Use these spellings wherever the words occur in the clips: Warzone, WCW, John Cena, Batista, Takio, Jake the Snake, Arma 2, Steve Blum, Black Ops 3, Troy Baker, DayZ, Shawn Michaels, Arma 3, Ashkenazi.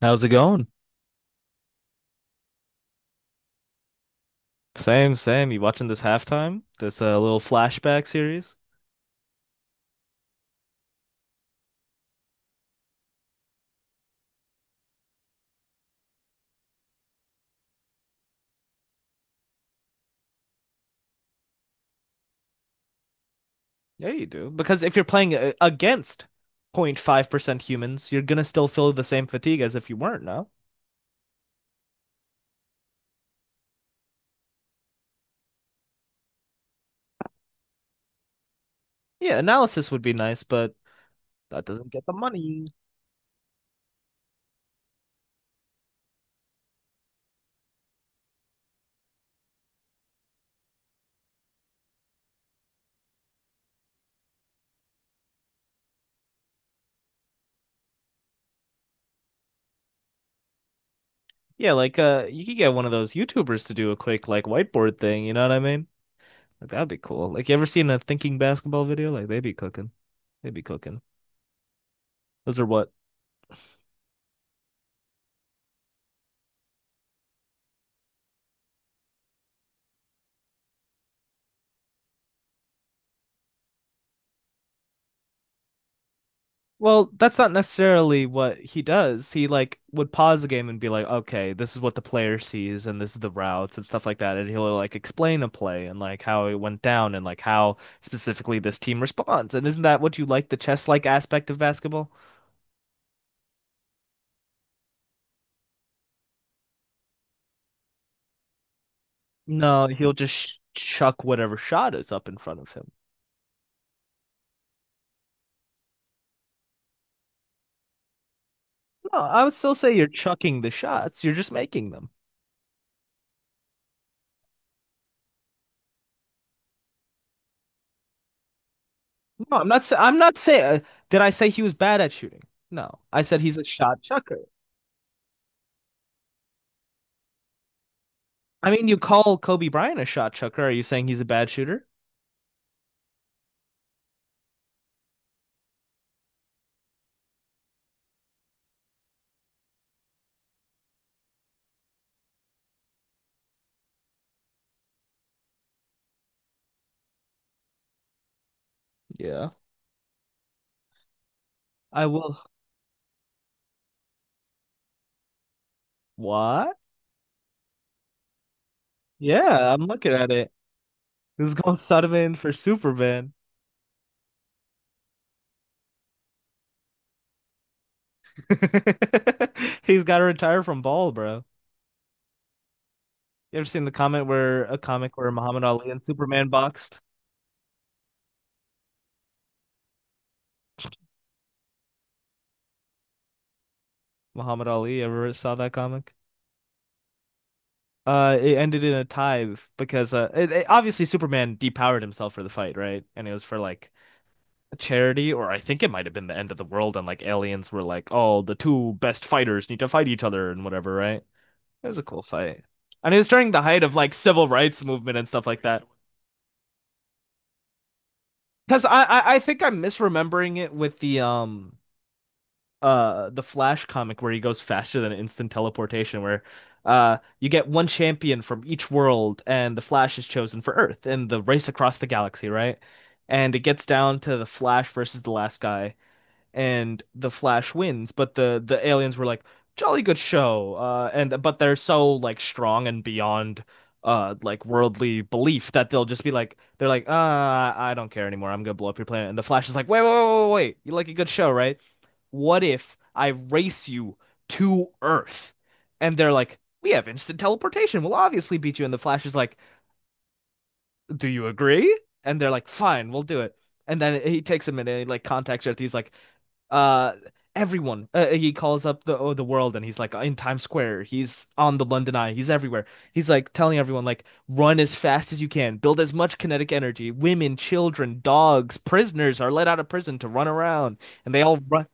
How's it going? Same, same. You watching this halftime? This little flashback series? Yeah, you do. Because if you're playing against 0.5% humans, you're gonna still feel the same fatigue as if you weren't, no? Yeah, analysis would be nice, but that doesn't get the money. Yeah, like you could get one of those YouTubers to do a quick like whiteboard thing, you know what I mean? Like that'd be cool. Like you ever seen a thinking basketball video? Like they be cooking. They be cooking. Those are what? Well, that's not necessarily what he does. He like would pause the game and be like, "Okay, this is what the player sees, and this is the routes and stuff like that." And he'll like explain a play and like how it went down and like how specifically this team responds. And isn't that what you like, the chess-like aspect of basketball? No, he'll just sh chuck whatever shot is up in front of him. No, I would still say you're chucking the shots. You're just making them. No, I'm not saying. Did I say he was bad at shooting? No, I said he's a shot chucker. I mean, you call Kobe Bryant a shot chucker. Are you saying he's a bad shooter? Yeah. I will. What? Yeah, I'm looking at it. This is going Sutterman for Superman. He's got to retire from ball, bro. You ever seen the comment where a comic where Muhammad Ali and Superman boxed? Muhammad Ali, ever saw that comic? It ended in a tie because obviously Superman depowered himself for the fight, right? And it was for like charity, or I think it might have been the end of the world and like aliens were like, oh, the two best fighters need to fight each other and whatever, right? It was a cool fight. And it was during the height of like civil rights movement and stuff like that. Because I think I'm misremembering it with the Flash comic where he goes faster than instant teleportation where you get one champion from each world and the Flash is chosen for Earth in the race across the galaxy, right? And it gets down to the Flash versus the last guy and the Flash wins, but the aliens were like, "Jolly good show." And But they're so like strong and beyond like worldly belief that they're like, "Ah, I don't care anymore. I'm gonna blow up your planet." And the Flash is like, "Wait, wait, wait, wait, wait. You like a good show, right? What if I race you to Earth?" And they're like, "We have instant teleportation. We'll obviously beat you." And the Flash is like, "Do you agree?" And they're like, "Fine, we'll do it." And then he takes a minute and he like contacts Earth. He's like, uh everyone he calls up the the world and he's like in Times Square, he's on the London Eye, he's everywhere. He's like telling everyone like run as fast as you can, build as much kinetic energy, women, children, dogs, prisoners are let out of prison to run around and they all run.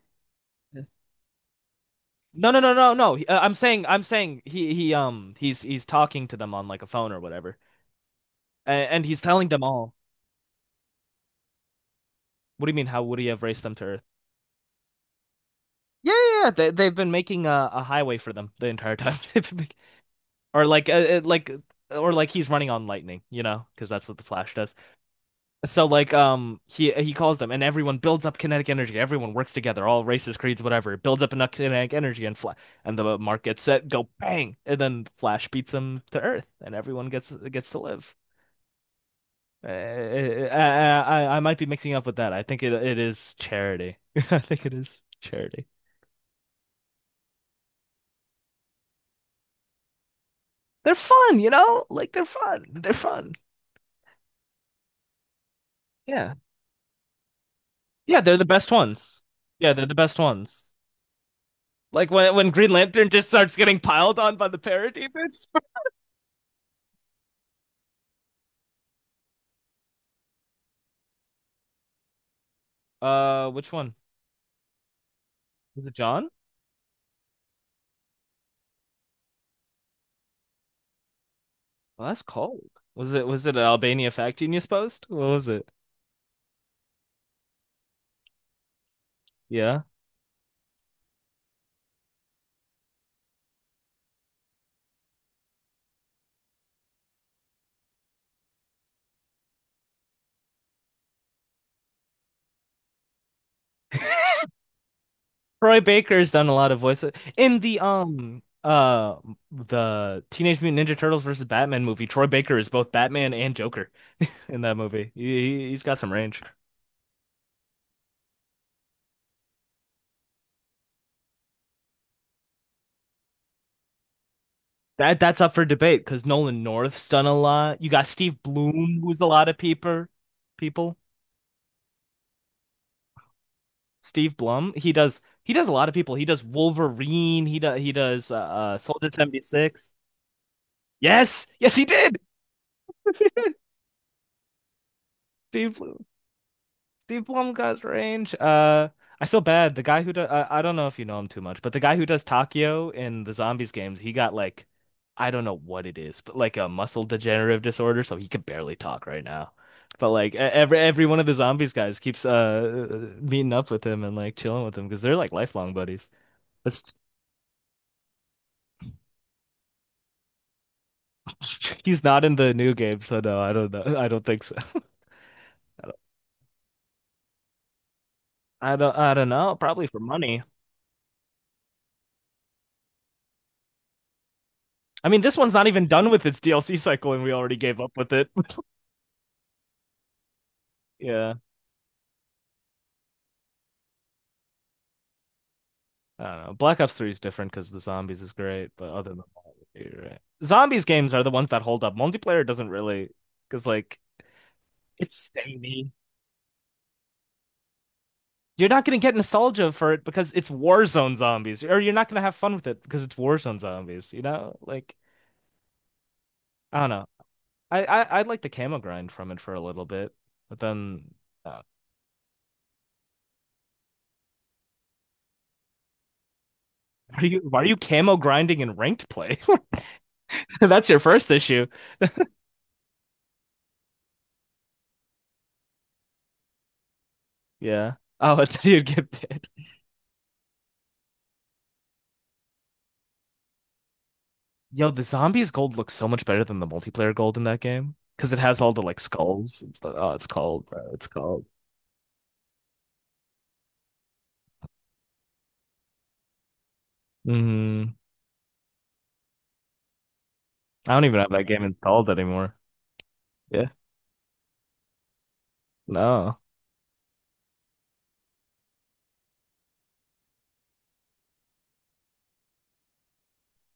No no no no no I'm saying, I'm saying he's talking to them on like a phone or whatever, and he's telling them all. What do you mean how would he have raced them to Earth? Yeah, yeah, yeah, they've been making a highway for them the entire time. They've been, or like uh, uh, like or like he's running on lightning, you know, because that's what the Flash does. So like he calls them and everyone builds up kinetic energy. Everyone works together, all races, creeds, whatever. It builds up enough kinetic energy and fla and the mark gets set, go bang, and then Flash beats him to Earth, and everyone gets to live. I might be mixing up with that. I think it it is charity. I think it is charity. They're fun, you know? Like they're fun. They're fun. Yeah. Yeah, they're the best ones. Yeah, they're the best ones. Like when Green Lantern just starts getting piled on by the parademons. Which one was it? John? Well, that's cold. Was it an Albania Fact Genius post? What was it? Yeah, Troy Baker's done a lot of voices in the Teenage Mutant Ninja Turtles versus Batman movie. Troy Baker is both Batman and Joker in that movie. He's got some range. That that's up for debate because Nolan North's done a lot. You got Steve Bloom, who's a lot of people. Steve Blum. He does a lot of people. He does Wolverine. He does Soldier 76. Yes, yes, he did. Steve Blum. Steve Blum got range. I feel bad. The guy who does I don't know if you know him too much, but the guy who does Takio in the zombies games, he got like, I don't know what it is, but like a muscle degenerative disorder, so he can barely talk right now. But like every one of the zombies guys keeps meeting up with him and like chilling with him because they're like lifelong buddies. But he's not in the new game, so no, I don't know. I don't think so. I don't know. Probably for money. I mean, this one's not even done with its DLC cycle and we already gave up with it. Yeah. I don't know. Black Ops 3 is different because the zombies is great, but other than that, you're right. Zombies games are the ones that hold up. Multiplayer doesn't really because like it's samey. You're not gonna get nostalgia for it because it's Warzone zombies, or you're not gonna have fun with it because it's Warzone zombies, you know? Like I don't know. I like the camo grind from it for a little bit, but then uh, are you, why are you camo grinding in ranked play? That's your first issue. Yeah. Oh, and then you'd get bit. Yo, the zombies gold looks so much better than the multiplayer gold in that game because it has all the like skulls. It's like, oh, it's called, bro. It's called. Mm-hmm. I don't even have that game installed anymore. Yeah. No,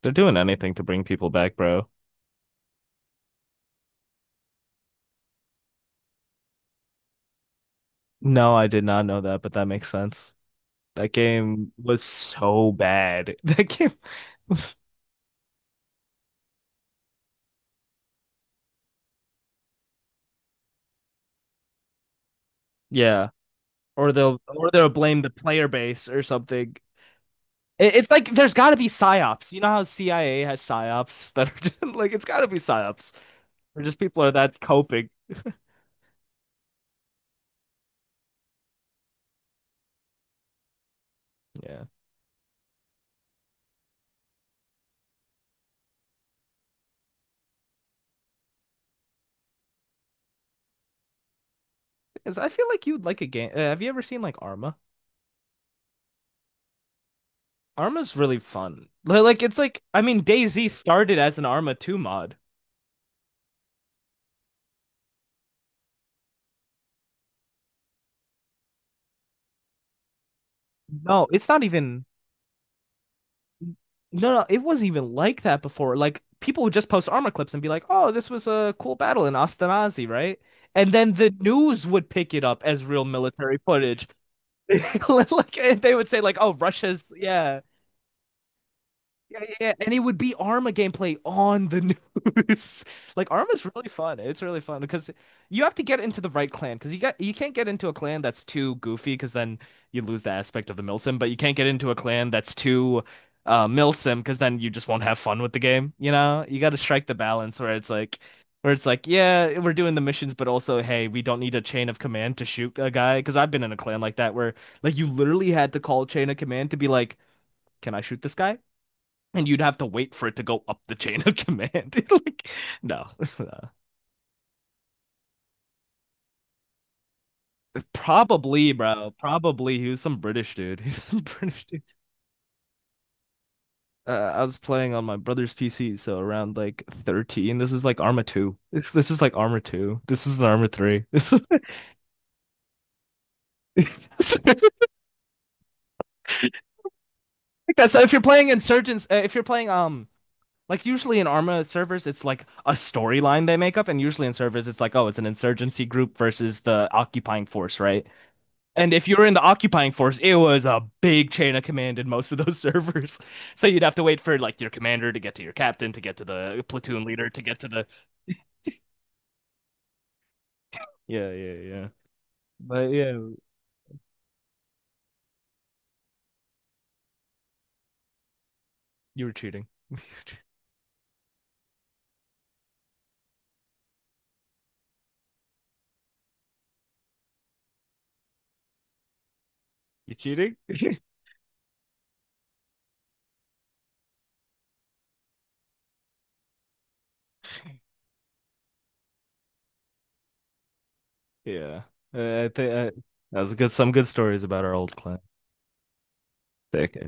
they're doing anything to bring people back, bro. No, I did not know that, but that makes sense. That game was so bad. That game was. Yeah. Or they'll blame the player base or something. It- It's like there's got to be psyops. You know how CIA has psyops that are just, like it's got to be psyops. Or just people are that coping. Yeah. 'Cause I feel like you'd like a game. Have you ever seen like Arma? Arma's really fun. Like it's like, I mean DayZ started as an Arma 2 mod. No, it's not even. No, no, it wasn't even like that before. Like people would just post armor clips and be like, "Oh, this was a cool battle in Ashkenazi, right?" And then the news would pick it up as real military footage. Like and they would say, like, "Oh, Russia's yeah." Yeah, yeah, yeah. And it would be Arma gameplay on the news. Like Arma's really fun. It's really fun because you have to get into the right clan because you got, you can't get into a clan that's too goofy because then you lose the aspect of the milsim, but you can't get into a clan that's too milsim because then you just won't have fun with the game, you know? You got to strike the balance where it's like, yeah, we're doing the missions, but also, hey, we don't need a chain of command to shoot a guy because I've been in a clan like that where like you literally had to call chain of command to be like, can I shoot this guy? And you'd have to wait for it to go up the chain of command. Like, no, no. Probably, bro. Probably he was some British dude. He was some British dude. I was playing on my brother's PC, so around like 13. This was like Arma 2. This is like Arma 2. This is an Arma 3. This is so if you're playing Insurgents, if you're playing Like usually in Arma servers, it's like a storyline they make up, and usually in servers, it's like, oh, it's an insurgency group versus the occupying force, right? And if you were in the occupying force, it was a big chain of command in most of those servers. So you'd have to wait for like your commander to get to your captain, to get to the platoon leader, to get to the, yeah, yeah, yeah. But yeah, you were cheating. You cheating? Yeah. I think I... that was good. Some good stories about our old clan. Sick.